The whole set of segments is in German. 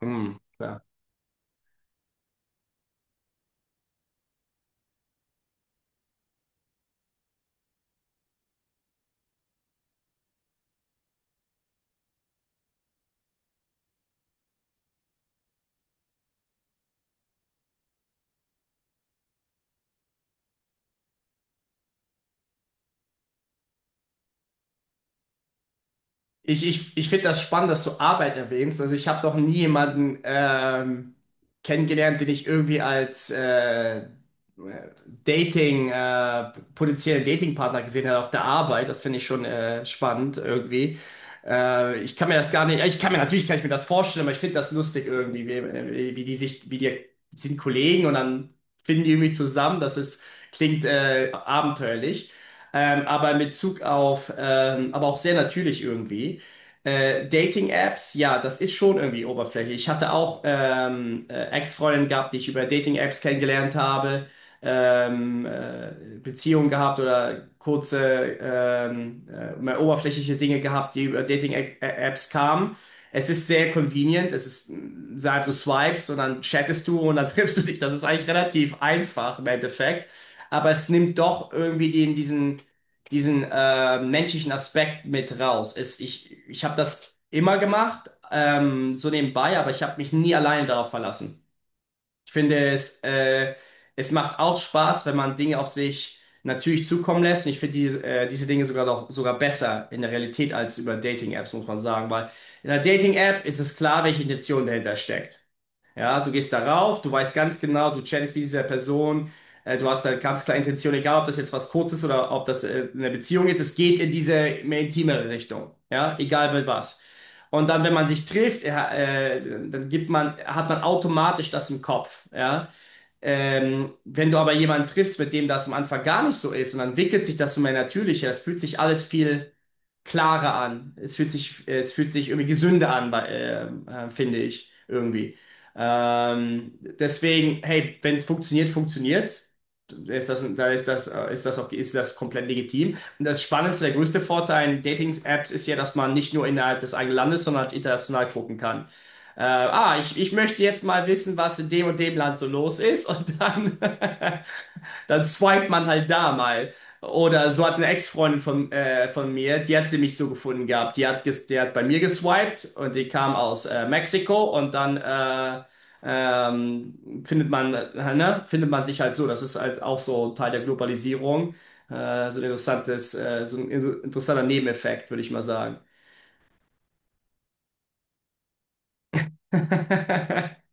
Hm, ja. Ich finde das spannend, dass du Arbeit erwähnst. Also ich habe doch nie jemanden kennengelernt, den ich irgendwie als Dating, potenziellen Datingpartner gesehen habe auf der Arbeit. Das finde ich schon spannend irgendwie. Ich kann mir das gar nicht, ich kann mir natürlich kann ich mir das vorstellen, aber ich finde das lustig irgendwie, wie, wie die sich, wie die sind Kollegen und dann finden die irgendwie zusammen. Das ist, klingt abenteuerlich. Aber in Bezug auf, aber auch sehr natürlich irgendwie. Dating-Apps, ja, das ist schon irgendwie oberflächlich. Ich hatte auch Ex-Freundinnen gehabt, die ich über Dating-Apps kennengelernt habe, ähm, äh, Beziehungen gehabt oder kurze, mehr oberflächliche Dinge gehabt, die über Dating-Apps kamen. Es ist sehr convenient, es ist, sag, du swipes und dann chattest du und dann triffst du dich. Das ist eigentlich relativ einfach im Endeffekt. Aber es nimmt doch irgendwie den, diesen diesen menschlichen Aspekt mit raus. Es, ich habe das immer gemacht, so nebenbei, aber ich habe mich nie alleine darauf verlassen. Ich finde, es macht auch Spaß, wenn man Dinge auf sich natürlich zukommen lässt. Und ich finde diese, diese Dinge sogar noch sogar besser in der Realität als über Dating-Apps, muss man sagen, weil in einer Dating-App ist es klar, welche Intention dahinter steckt. Ja, du gehst darauf, du weißt ganz genau, du chattest mit dieser Person, du hast eine ganz klare Intention, egal ob das jetzt was Kurzes oder ob das eine Beziehung ist, es geht in diese mehr intimere Richtung, ja, egal mit was. Und dann, wenn man sich trifft, dann gibt man, hat man automatisch das im Kopf, ja. Wenn du aber jemanden triffst, mit dem das am Anfang gar nicht so ist und dann entwickelt sich das so mehr natürlicher, es fühlt sich alles viel klarer an. Es fühlt sich irgendwie gesünder an, finde ich irgendwie. Deswegen, hey, wenn es funktioniert, funktioniert. Ist das, da ist das auch, ist das komplett legitim. Und das Spannendste, der größte Vorteil in Dating-Apps ist ja, dass man nicht nur innerhalb des eigenen Landes, sondern halt international gucken kann. Ich möchte jetzt mal wissen, was in dem und dem Land so los ist und dann dann swiped man halt da mal. Oder so hat eine Ex-Freundin von mir, die hatte mich so gefunden gehabt. Die hat, die hat bei mir geswiped und die kam aus Mexiko und dann findet man, ne, findet man sich halt so. Das ist halt auch so Teil der Globalisierung. So ein interessantes, so ein interessanter Nebeneffekt, würde ich mal sagen.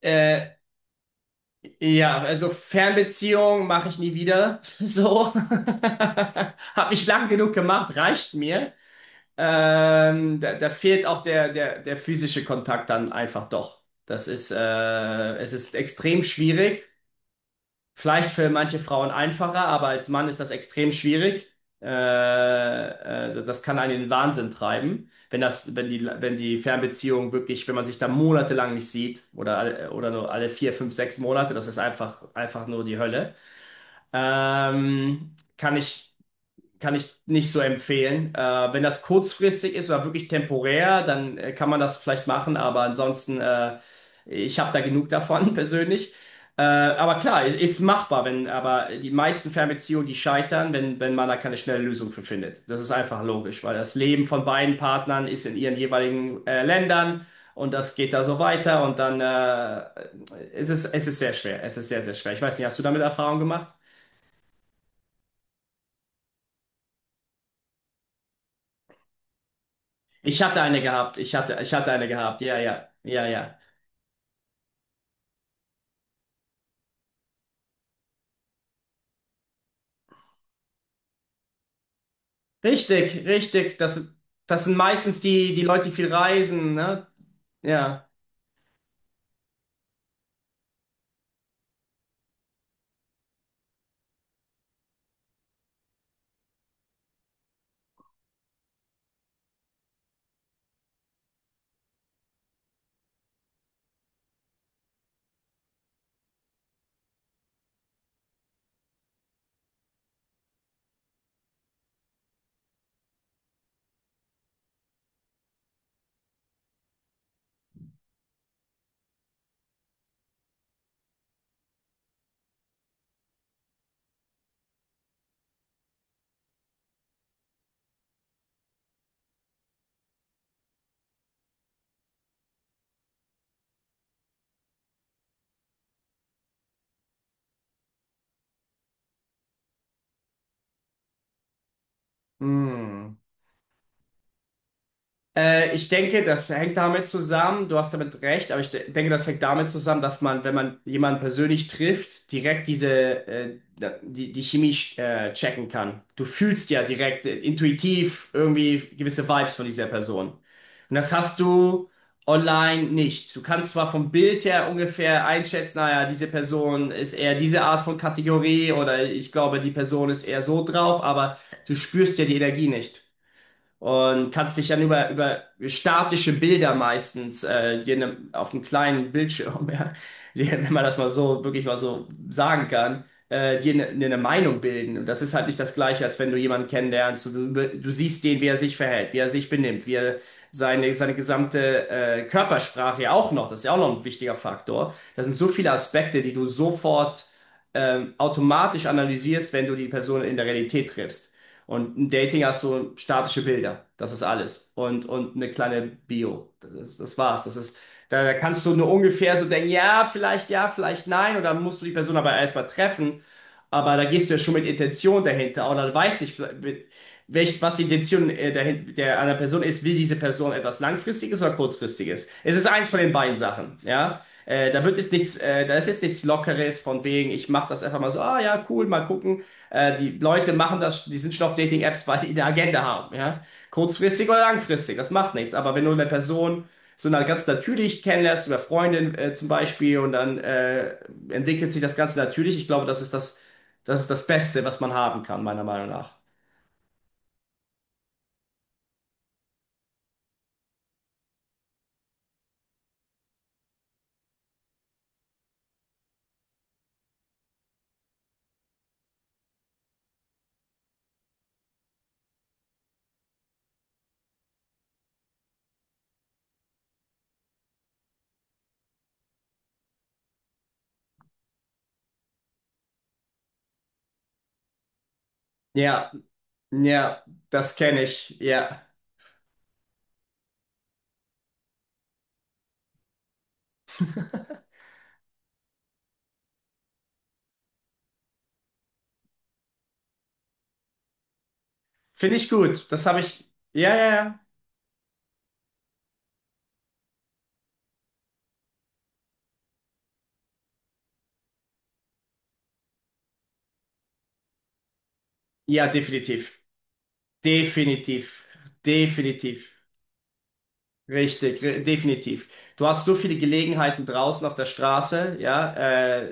Äh, ja, also Fernbeziehung mache ich nie wieder. So. Hab ich lang genug gemacht, reicht mir. Da fehlt auch der physische Kontakt dann einfach doch. Das ist, es ist extrem schwierig. Vielleicht für manche Frauen einfacher, aber als Mann ist das extrem schwierig. Äh, Das kann einen in den Wahnsinn treiben, wenn das, wenn die, wenn die Fernbeziehung wirklich, wenn man sich da monatelang nicht sieht oder, oder nur alle vier, fünf, sechs Monate, das ist einfach, einfach nur die Hölle. Ähm, kann ich kann ich nicht so empfehlen. Wenn das kurzfristig ist oder wirklich temporär, dann kann man das vielleicht machen, aber ansonsten, ich habe da genug davon persönlich. Aber klar, es ist machbar, wenn, aber die meisten Fernbeziehungen, die scheitern, wenn, wenn man da keine schnelle Lösung für findet. Das ist einfach logisch, weil das Leben von beiden Partnern ist in ihren jeweiligen Ländern und das geht da so weiter und dann es ist sehr schwer. Es ist sehr, sehr schwer. Ich weiß nicht, hast du damit Erfahrung gemacht? Ich hatte eine gehabt. Ich hatte eine gehabt. Ja, ja, ja, ja. Richtig, richtig. Das, das sind meistens die Leute, die viel reisen, ne? Ja. Hm. Ich denke, das hängt damit zusammen, du hast damit recht, aber ich de denke, das hängt damit zusammen, dass man, wenn man jemanden persönlich trifft, direkt diese, die, die Chemie checken kann. Du fühlst ja direkt, intuitiv irgendwie gewisse Vibes von dieser Person. Und das hast du online nicht. Du kannst zwar vom Bild her ungefähr einschätzen, naja, diese Person ist eher diese Art von Kategorie oder ich glaube, die Person ist eher so drauf, aber du spürst ja die Energie nicht. Und kannst dich dann über statische Bilder meistens dir ne, auf einem kleinen Bildschirm, ja, dir, wenn man das mal so wirklich mal so sagen kann, dir eine ne, ne Meinung bilden. Und das ist halt nicht das Gleiche, als wenn du jemanden kennenlernst. Du siehst den, wie er sich verhält, wie er sich benimmt, wie er seine, seine gesamte Körpersprache ja auch noch, das ist ja auch noch ein wichtiger Faktor. Das sind so viele Aspekte, die du sofort automatisch analysierst, wenn du die Person in der Realität triffst. Und im Dating hast du statische Bilder. Das ist alles. Und eine kleine Bio. Das, das war's. Das ist, da, da kannst du nur ungefähr so denken, ja, vielleicht nein. Und dann musst du die Person aber erstmal treffen. Aber da gehst du ja schon mit Intention dahinter. Oder du weißt nicht, was die Intention der, der einer Person ist, will diese Person etwas Langfristiges oder Kurzfristiges? Es ist eins von den beiden Sachen, ja. Da wird jetzt nichts, da ist jetzt nichts Lockeres von wegen, ich mache das einfach mal so, ah ja, cool, mal gucken. Die Leute machen das, die sind schon auf Dating-Apps, weil die eine Agenda haben, ja. Kurzfristig oder langfristig, das macht nichts. Aber wenn du eine Person so ganz natürlich kennenlernst, über Freundin zum Beispiel, und dann entwickelt sich das Ganze natürlich, ich glaube, das ist das Beste, was man haben kann, meiner Meinung nach. Ja, ja, das kenne ich. Ja. Finde ich gut. Das habe ich. Ja, ja, ja. Ja, definitiv. Definitiv. Definitiv. Richtig, definitiv. Du hast so viele Gelegenheiten draußen auf der Straße, ja, äh,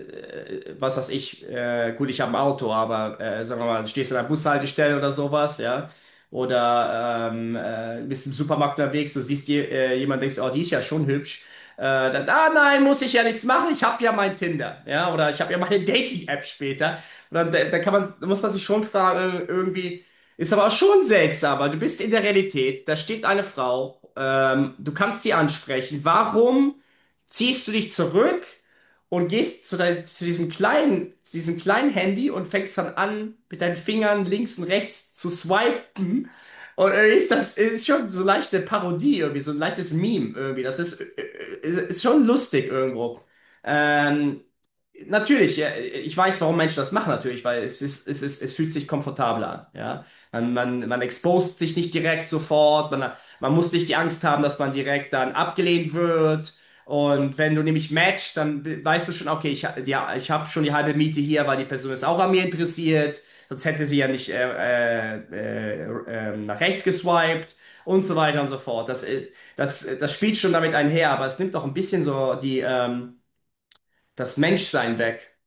äh, was weiß ich, gut, ich habe ein Auto, aber sagen wir mal, du stehst an der Bushaltestelle oder sowas, ja. Oder bist im Supermarkt unterwegs, du siehst jemand, denkst, oh, die ist ja schon hübsch. Dann, ah nein, muss ich ja nichts machen, ich habe ja mein Tinder. Ja, oder ich habe ja meine Dating-App später. Und dann, da, da kann man, da muss man sich schon fragen, irgendwie, ist aber auch schon seltsam, weil du bist in der Realität, da steht eine Frau, du kannst sie ansprechen. Warum ziehst du dich zurück und gehst zu, dein, zu diesem kleinen Handy und fängst dann an, mit deinen Fingern links und rechts zu swipen? Und irgendwie ist das ist schon so leichte Parodie, irgendwie, so ein leichtes Meme irgendwie. Das ist, ist, ist schon lustig irgendwo. Ähm, Natürlich, ja, ich weiß, warum Menschen das machen natürlich, weil es ist, es ist, es fühlt sich komfortabler an, ja. Man expost sich nicht direkt sofort, man muss nicht die Angst haben, dass man direkt dann abgelehnt wird. Und wenn du nämlich matchst, dann weißt du schon, okay, ja, ich habe schon die halbe Miete hier, weil die Person ist auch an mir interessiert, sonst hätte sie ja nicht nach rechts geswiped und so weiter und so fort. Das, das spielt schon damit einher, aber es nimmt auch ein bisschen so die, das Menschsein weg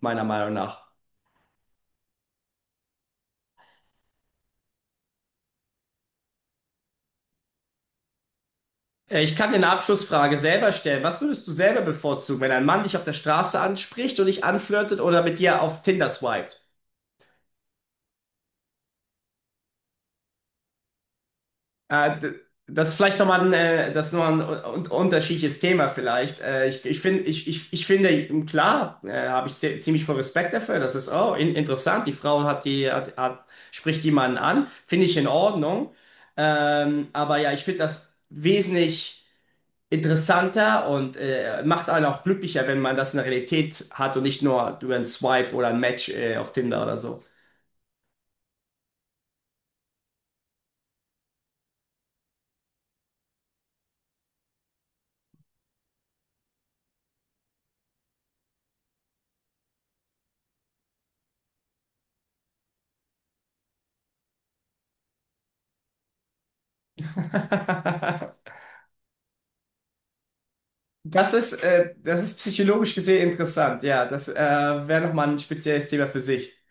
meiner Meinung nach. Ich kann dir eine Abschlussfrage selber stellen. Was würdest du selber bevorzugen, wenn ein Mann dich auf der Straße anspricht und dich anflirtet oder mit dir auf Tinder swiped? Äh, d- das ist vielleicht nochmal ein, das ist noch ein un unterschiedliches Thema vielleicht. Ich finde, ich finde, hm, klar, habe ich ziemlich viel Respekt dafür. Das ist, oh, in interessant. Die Frau hat die, hat, hat, spricht jemanden an. Finde ich in Ordnung. Aber ja, ich finde das wesentlich. Interessanter und macht einen auch glücklicher, wenn man das in der Realität hat und nicht nur über einen Swipe oder ein Match auf Tinder oder so. Das ist psychologisch gesehen interessant, ja. Das wäre nochmal ein spezielles Thema für sich.